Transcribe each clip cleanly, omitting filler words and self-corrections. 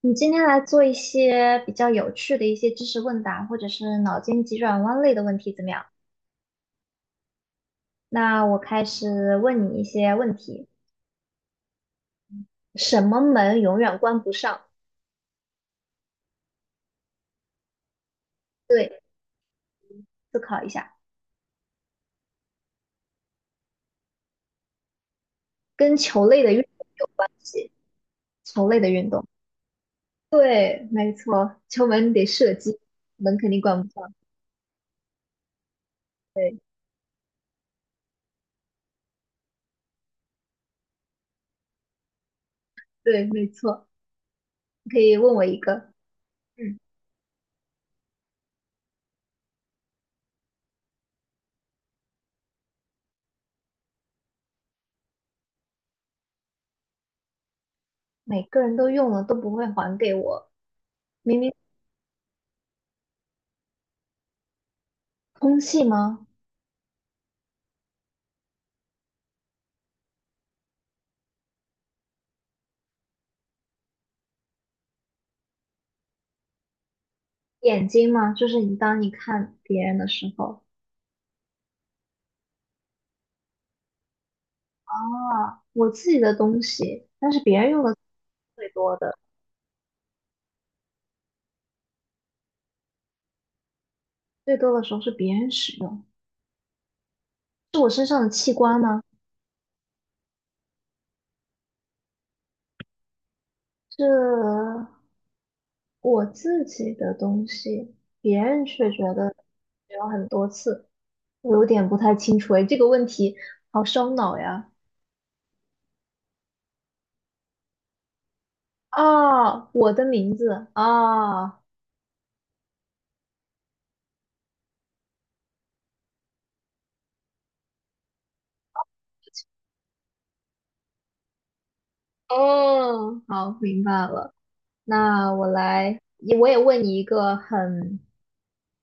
你今天来做一些比较有趣的一些知识问答，或者是脑筋急转弯类的问题，怎么样？那我开始问你一些问题。什么门永远关不上？对，思考一下，跟球类的运动有关系。球类的运动，对，没错，球门你得射击，门肯定关不上。对，对，没错。你可以问我一个，嗯，每个人都用了都不会还给我，明明空气吗？眼睛嘛，就是你当你看别人的时候，啊，我自己的东西，但是别人用的最多的，最多的时候是别人使用，是我身上的器官吗？是我自己的东西，别人却觉得使用很多次，我有点不太清楚诶，这个问题好烧脑呀！啊，我的名字啊，哦，好，明白了。那我也问你一个很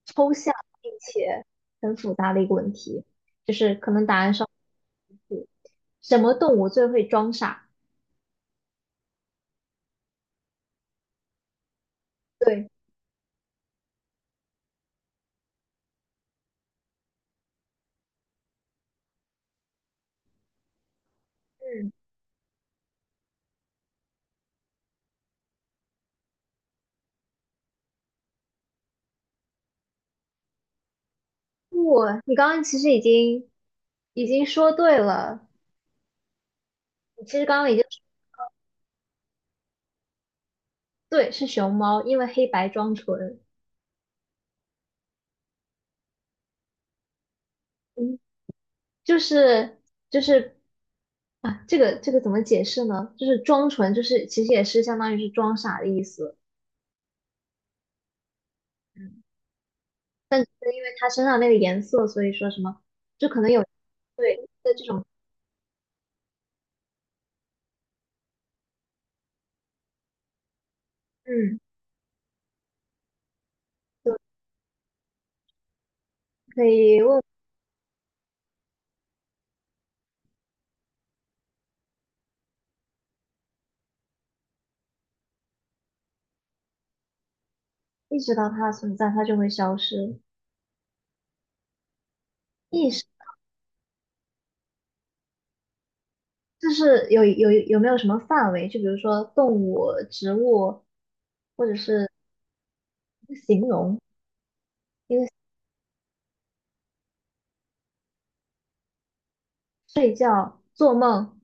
抽象并且很复杂的一个问题，就是可能答案上什么动物最会装傻？对，嗯，不，你刚刚其实已经说对了，你其实刚刚已经对是熊猫，因为黑白装纯，嗯，就是就是啊，这个怎么解释呢？就是装纯，就是其实也是相当于是装傻的意思。嗯，因为它身上那个颜色，所以说什么，就可能有对的这种，嗯，就可以问意识到它的存在，它就会消失。意识就是有没有什么范围？就比如说动物、植物，或者是一个形容，一个睡觉、做梦，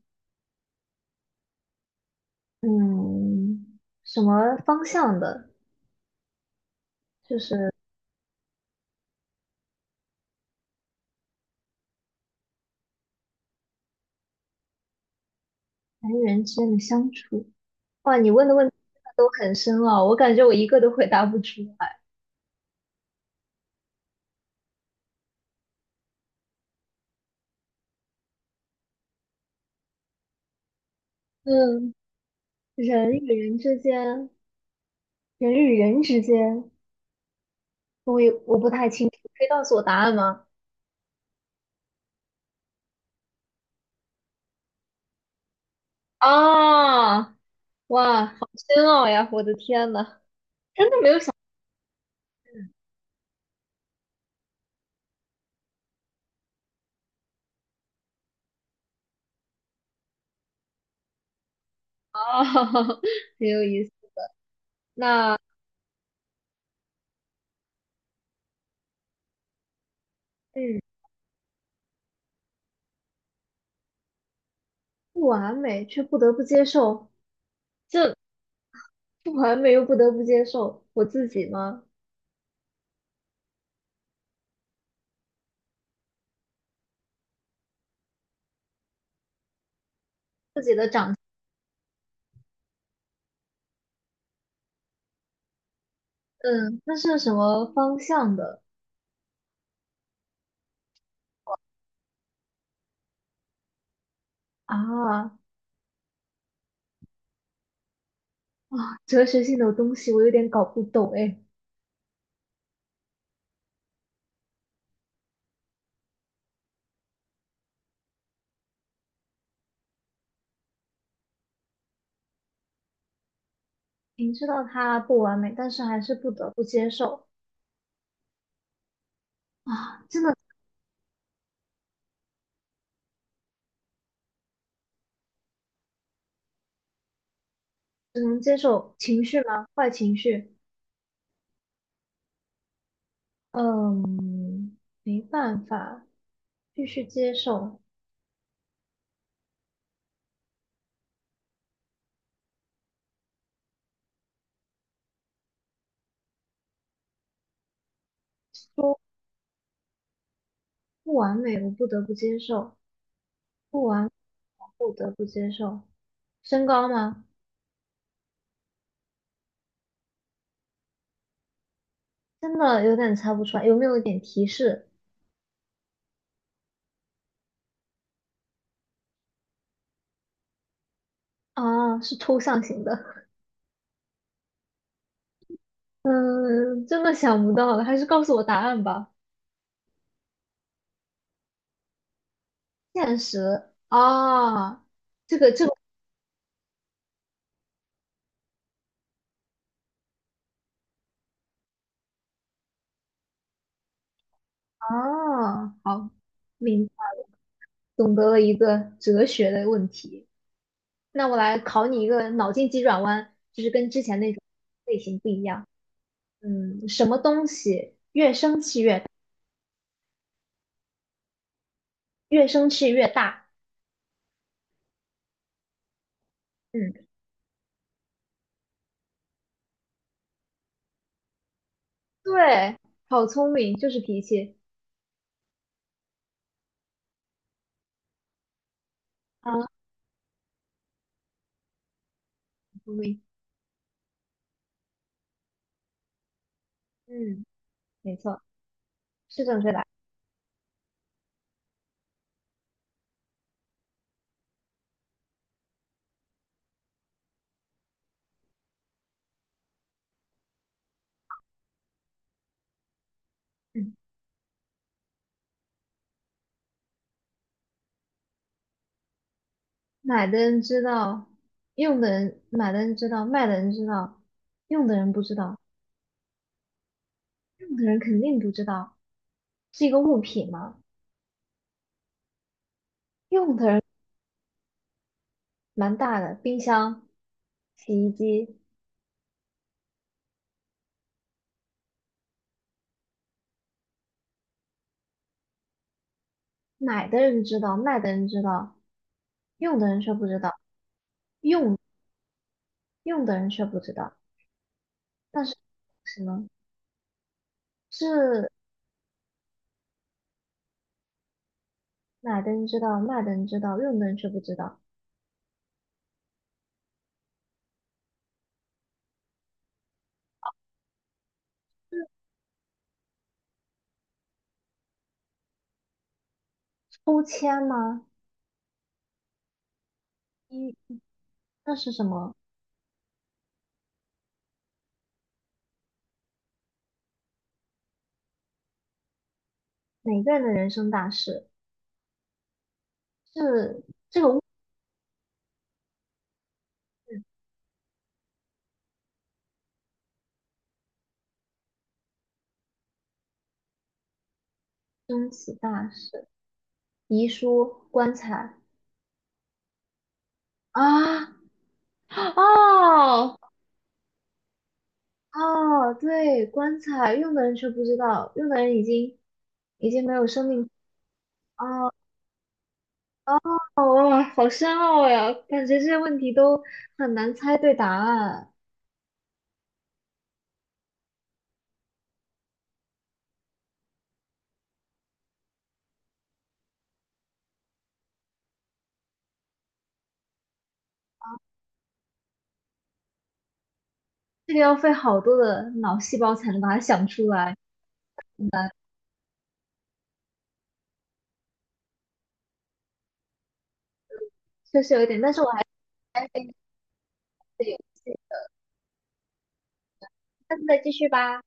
嗯，什么方向的人与人之间的相处。哇，你问的问题真的都很深奥，我感觉我一个都回答不出来。嗯，人与人之间。人与人之间，我不太清楚，可以告诉我答案吗？啊，哇，好深奥呀！我的天呐，真的啊，很有意思。那嗯，不完美，却不得不接受，这不完美又不得不接受我自己吗？嗯，那是什么方向的啊？啊，哲学性的东西我有点搞不懂哎。明知道它不完美，但是还是不得不接受啊，真的只能接受情绪吗？坏情绪，嗯，没办法，必须接受。说不完美，我不得不接受；不完，不得不接受。身高吗？真的有点猜不出来，有没有一点提示？啊，是抽象型的。嗯，真的想不到了，还是告诉我答案吧。现实啊，这个啊，好，明懂得了一个哲学的问题。那我来考你一个脑筋急转弯，就是跟之前那种类型不一样。嗯，什么东西越生气越大越生气越大？嗯，对，好聪明，就是脾气啊，好聪明。嗯，没错，是正确的。嗯，买的人知道，用的人买的人知道，卖的人知道，用的人不知道，用的人肯定不知道，是一个物品吗？用的人蛮大的，冰箱、洗衣机。买的人知道，卖的人知道，用的人却不知道，用的人却不知道。但是什么是买的人知道，卖的人知道，用的人却不知道？抽签吗？一，那是什么？每个人的人生大事是这个物升起大事，遗书、棺材啊，哦哦，对，棺材用的人却不知道，用的人已经没有生命。哦哦，哇，好深奥呀！感觉这些问题都很难猜对答案，这个要费好多的脑细胞才能把它想出来，确实有一点。但是我还是爱这个游戏，下次再继续吧。